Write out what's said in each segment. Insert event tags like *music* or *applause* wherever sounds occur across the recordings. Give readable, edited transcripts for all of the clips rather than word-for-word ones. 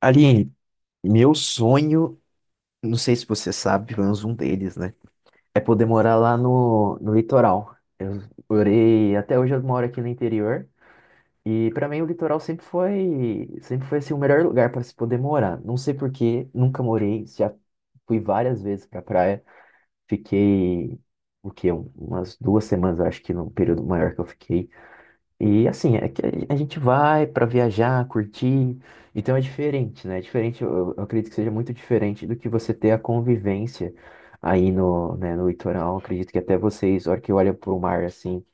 Aline, meu sonho, não sei se você sabe, pelo menos um deles, né? É poder morar lá no litoral. Eu morei, até hoje eu moro aqui no interior. E pra mim o litoral sempre foi assim, o melhor lugar para se poder morar. Não sei por quê, nunca morei, já fui várias vezes pra praia. Fiquei, o quê? Umas 2 semanas, eu acho que no período maior que eu fiquei. E assim, é que a gente vai para viajar, curtir, então é diferente, né? É diferente, eu acredito que seja muito diferente do que você ter a convivência aí né, no litoral. Eu acredito que até vocês, a hora que olha para o mar assim,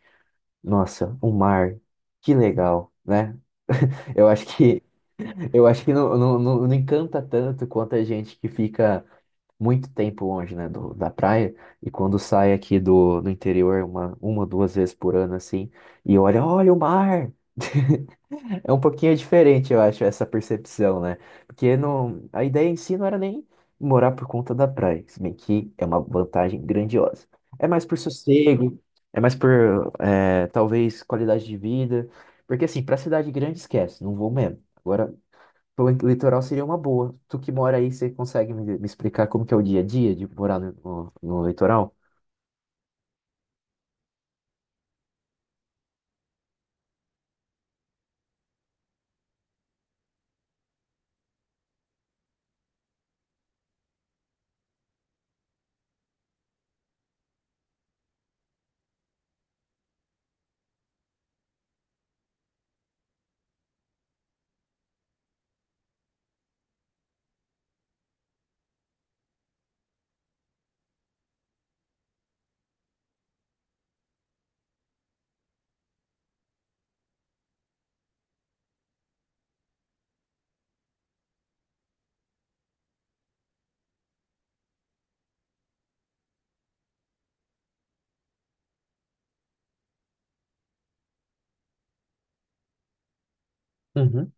nossa, o mar, que legal, né? Eu acho que *laughs* eu acho que não, não, não, não encanta tanto quanto a gente que fica muito tempo longe, né, da praia e quando sai aqui do interior uma, duas vezes por ano assim, e olha, olha o mar. É um pouquinho diferente, eu acho, essa percepção, né? Porque não, a ideia em si não era nem morar por conta da praia, se bem que é uma vantagem grandiosa. É mais por sossego, é mais por, é, talvez, qualidade de vida. Porque, assim, pra cidade grande, esquece, não vou mesmo. Agora, pro litoral seria uma boa. Tu que mora aí, você consegue me explicar como que é o dia a dia de morar no litoral? Uhum.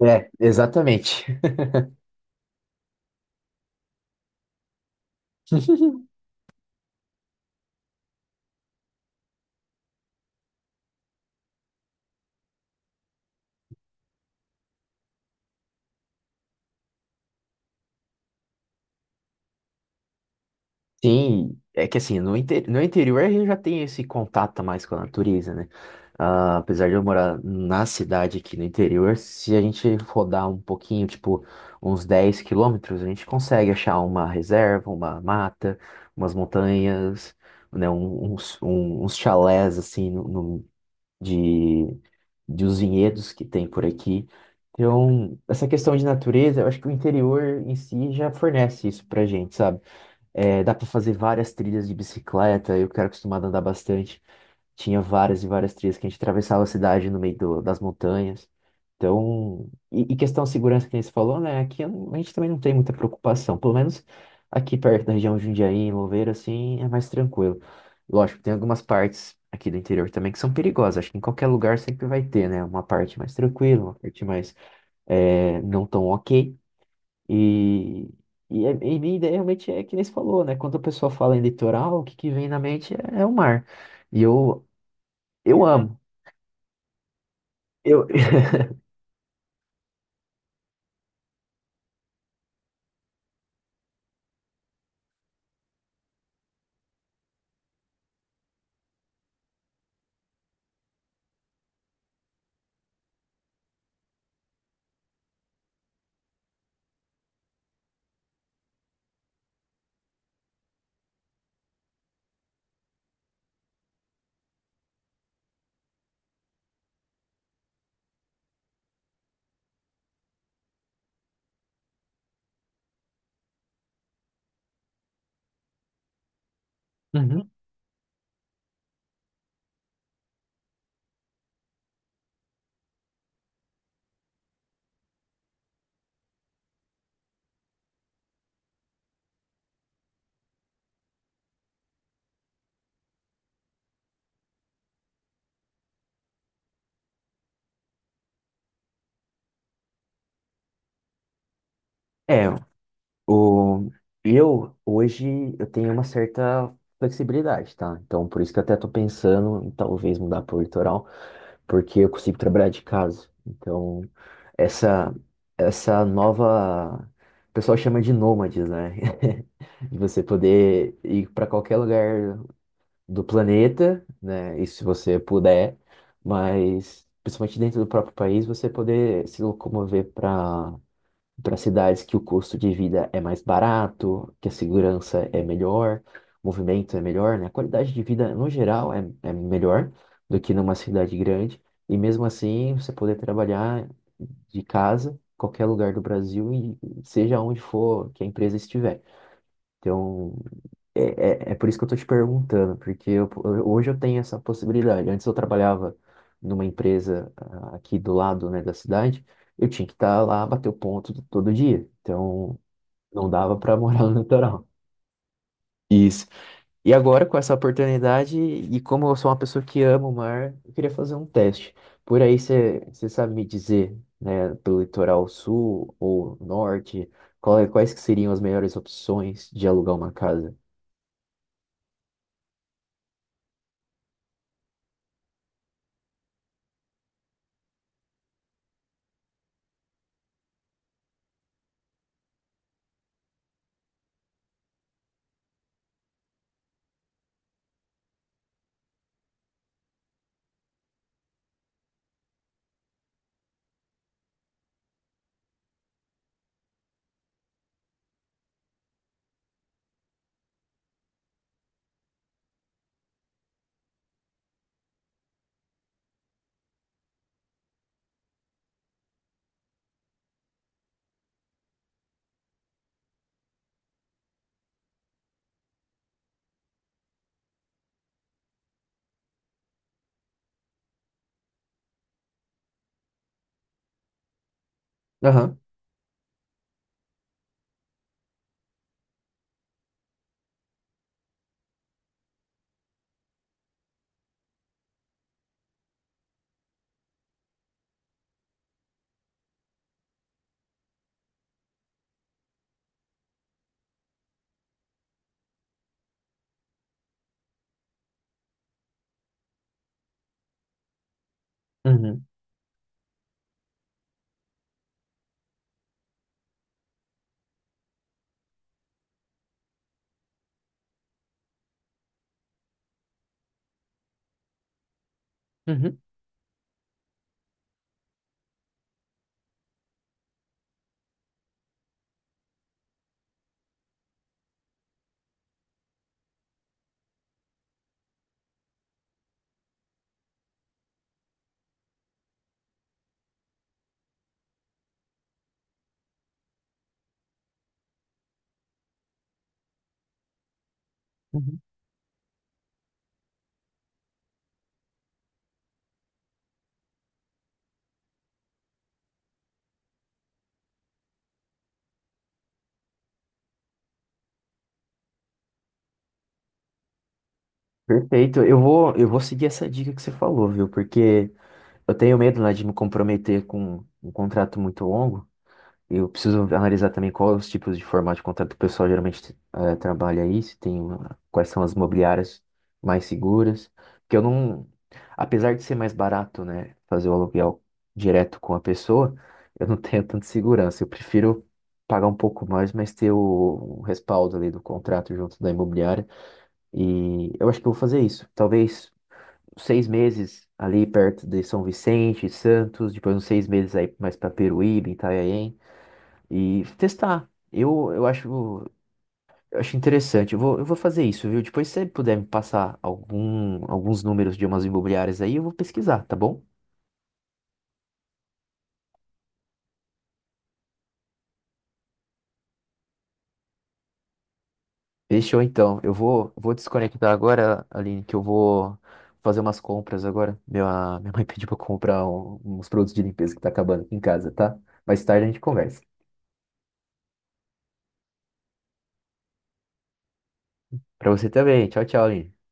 É, exatamente. *laughs* Sim, é que assim, no interior a gente já tem esse contato mais com a natureza, né? Ah, apesar de eu morar na cidade aqui no interior, se a gente rodar um pouquinho, tipo uns 10 quilômetros, a gente consegue achar uma reserva, uma mata, umas montanhas, né? Uns chalés, assim, de, de os vinhedos que tem por aqui. Então, essa questão de natureza, eu acho que o interior em si já fornece isso pra gente, sabe? É, dá pra fazer várias trilhas de bicicleta, eu que era acostumado a andar bastante. Tinha várias e várias trilhas que a gente atravessava a cidade no meio das montanhas. Então, e questão de segurança que nem você falou, né? Aqui eu não- a gente também não tem muita preocupação. Pelo menos aqui perto da região de Jundiaí, em Louveira, assim, é mais tranquilo. Lógico, tem algumas partes aqui do interior também que são perigosas. Acho que em qualquer lugar sempre vai ter, né? Uma parte mais tranquila, uma parte mais não tão ok. E, e minha ideia realmente é que nem você falou, né? Quando a pessoa fala em litoral, o que, que vem na mente é o mar. E eu amo. Eu, *laughs* Uhum. É, o, eu hoje eu tenho uma certa flexibilidade, tá? Então por isso que eu até tô pensando em talvez mudar pro litoral, porque eu consigo trabalhar de casa. Então essa essa nova o pessoal chama de nômades, né? *laughs* De você poder ir para qualquer lugar do planeta, né? E se você puder, mas principalmente dentro do próprio país, você poder se locomover para cidades que o custo de vida é mais barato, que a segurança é melhor, o movimento é melhor, né? A qualidade de vida no geral é melhor do que numa cidade grande, e mesmo assim você poder trabalhar de casa, qualquer lugar do Brasil e seja onde for que a empresa estiver. Então, é por isso que eu tô te perguntando, porque hoje eu tenho essa possibilidade. Antes eu trabalhava numa empresa aqui do lado, né, da cidade, eu tinha que estar lá, bater o ponto todo dia. Então, não dava para *laughs* morar no litoral. Isso. E agora, com essa oportunidade, e como eu sou uma pessoa que ama o mar, eu queria fazer um teste. Por aí, você sabe me dizer, né, pelo litoral sul ou norte, quais que seriam as melhores opções de alugar uma casa? Aham. Uhum. Uhum. Uhum. Perfeito. Eu vou seguir essa dica que você falou, viu? Porque eu tenho medo, né, de me comprometer com um contrato muito longo. Eu preciso analisar também quais os tipos de formato de contrato que o pessoal geralmente trabalha aí, se tem quais são as imobiliárias mais seguras. Porque eu não, apesar de ser mais barato, né, fazer o aluguel direto com a pessoa, eu não *laughs* tenho tanta segurança. Eu prefiro pagar um pouco mais, mas ter o respaldo ali do contrato junto da imobiliária. E eu acho que eu vou fazer isso. Talvez 6 meses ali perto de São Vicente, Santos, depois uns 6 meses aí mais para Peruíbe, Itanhaém, e testar. Eu acho interessante. Eu vou fazer isso, viu? Depois, se você puder me passar alguns números de umas imobiliárias aí, eu vou pesquisar, tá bom? Fechou então. Eu vou desconectar agora, Aline, que eu vou fazer umas compras agora. Minha mãe *laughs* pediu pra eu comprar uns produtos de limpeza que tá acabando aqui em casa, tá? Mais tarde a gente conversa. Pra você também. Tchau, tchau, Aline.